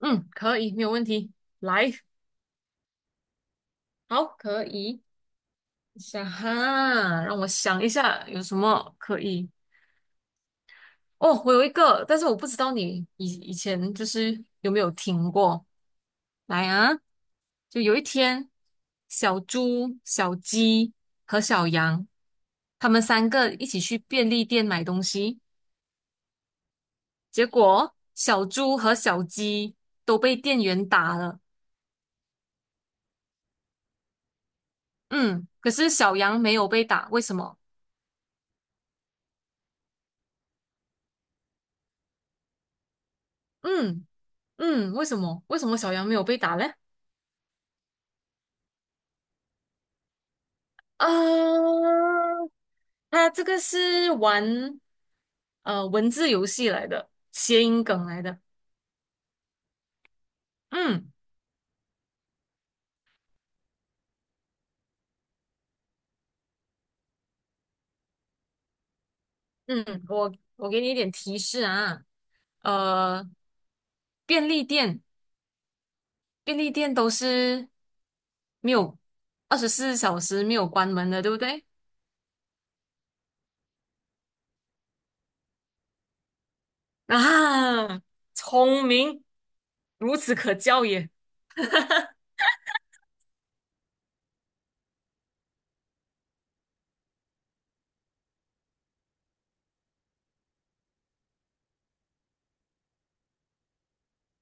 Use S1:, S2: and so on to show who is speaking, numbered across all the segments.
S1: 嗯，可以，没有问题。来，好，可以。想哈，让我想一下有什么可以。哦，我有一个，但是我不知道你以前就是有没有听过。来啊，就有一天，小猪、小鸡和小羊，他们三个一起去便利店买东西，结果小猪和小鸡都被店员打了。嗯，可是小羊没有被打，为什么？嗯。嗯，为什么？为什么小杨没有被打嘞？啊，他这个是玩文字游戏来的，谐音梗来的。嗯嗯，我给你一点提示啊，呃，便利店便利店都是没有24小时没有关门的，对不对？啊，聪明，孺子可教也。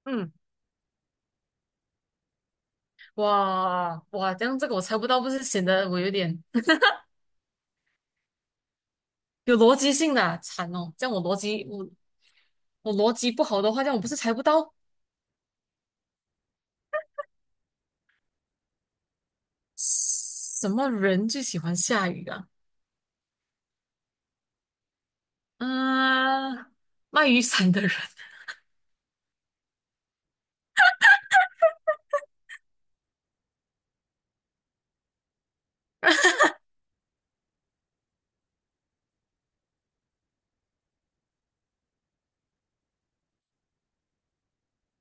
S1: 嗯，哇哇，这样这个我猜不到，不是显得我有点。有逻辑性的啊，惨哦！这样我逻辑不好的话，这样我不是猜不到什么人最喜欢下雨啊？嗯、卖雨伞的人。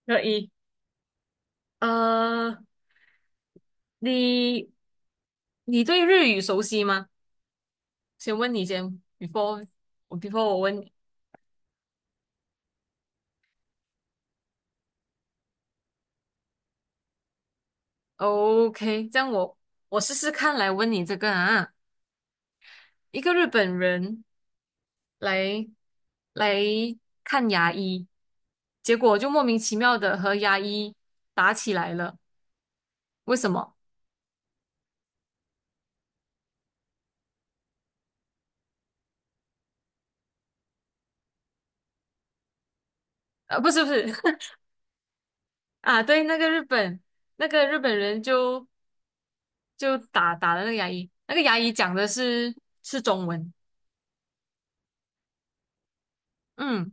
S1: 可以。呃，你你对日语熟悉吗？先问你先，before 我问你。OK，这样我试试看来问你这个啊，一个日本人来来看牙医，结果就莫名其妙的和牙医打起来了。为什么？不是，不是。 啊，对，那个日本人就打了那个牙医，那个牙医讲的是中文，嗯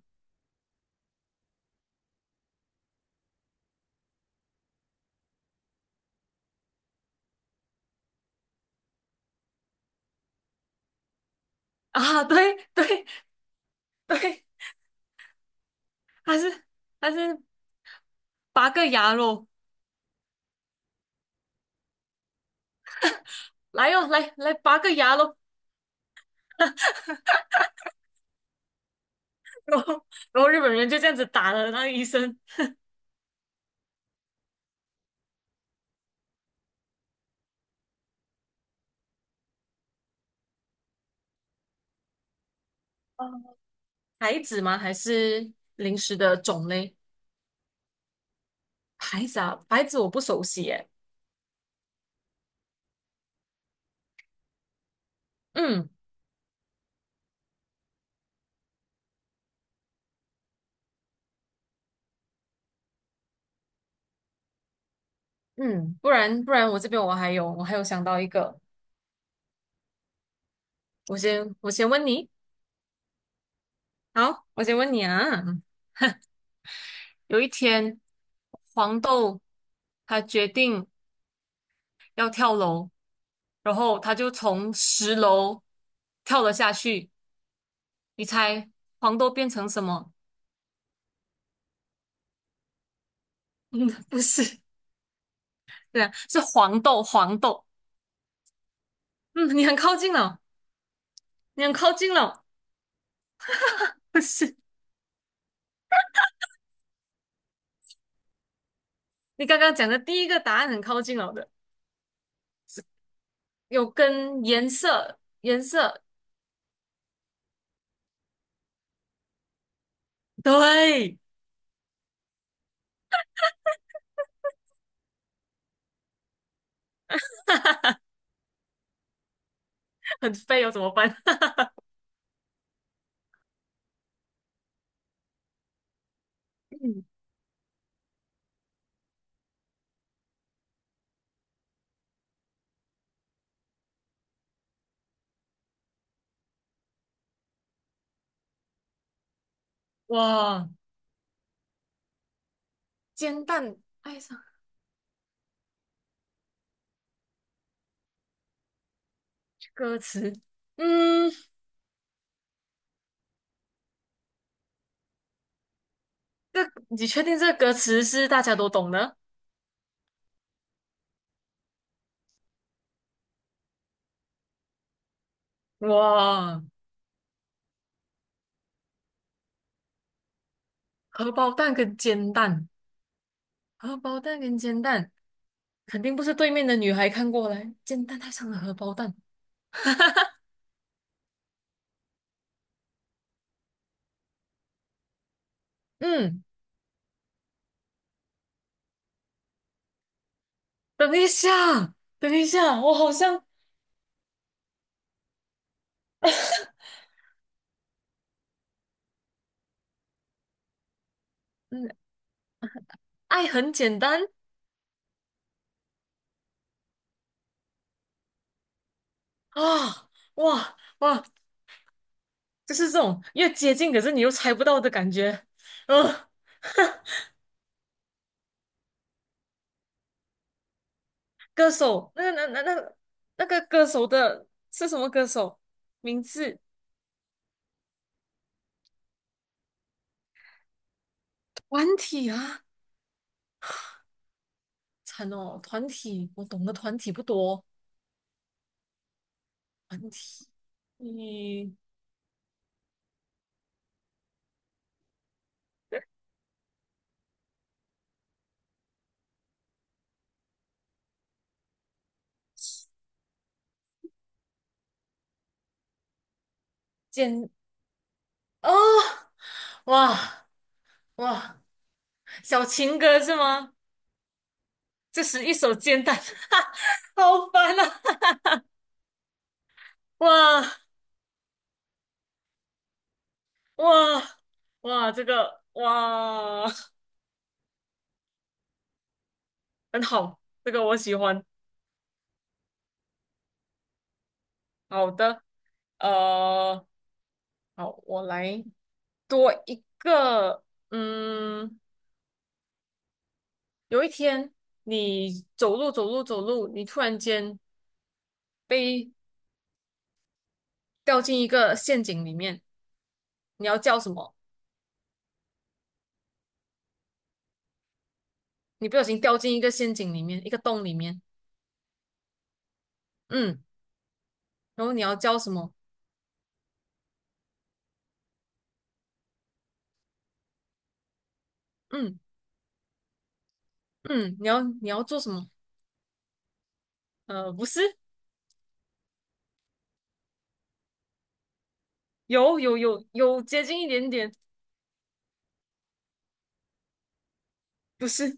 S1: 啊，对对对，还是还是拔个牙咯，来哟、来拔个牙咯，然后然后日本人就这样子打了那个医生。哦，孩子吗？还是零食的种类？牌子啊，牌子我不熟悉诶。嗯嗯，不然我这边我还有想到一个，我先问你，好，我先问你啊。有一天，黄豆他决定要跳楼，然后他就从10楼跳了下去。你猜黄豆变成什么？嗯，不是。 对啊，是黄豆，黄豆。嗯，你很靠近了，你很靠近了，不是，你刚刚讲的第一个答案很靠近了的。有跟颜色，颜色，对，很飞哦，怎么办？嗯，哇，煎蛋爱上歌词，嗯，这你确定这个歌词是大家都懂的？哇，荷包蛋跟煎蛋，荷包蛋跟煎蛋，肯定不是对面的女孩看过来，煎蛋爱上了荷包蛋。嗯，等一下，等一下，我好像，嗯，爱很简单啊，哇哇哇，就是这种越接近，可是你又猜不到的感觉。呃，歌手，那个歌手的是什么歌手？名字？团体啊？惨哦，团体，我懂的团体不多。团体，你简哦，哇哇，小情歌是吗？这是一首简单，好烦啊！哇哇哇，这个哇。 很好，这个我喜欢。好的。呃，好，我来多一个。嗯，有一天你走路走路走路，你突然间被掉进一个陷阱里面，你要叫什么？你不小心掉进一个陷阱里面，一个洞里面。嗯，然后你要叫什么？嗯嗯，你要做什么？不是，有接近一点点，不是。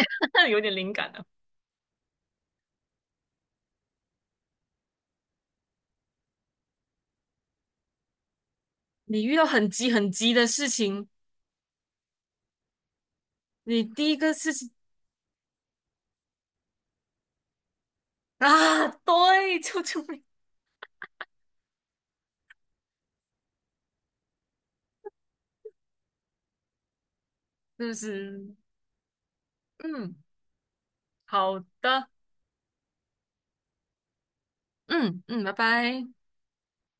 S1: 有点灵感了。你遇到很急很急的事情，你第一个事情。啊，对，救命！就是，嗯，好的，嗯嗯，拜拜。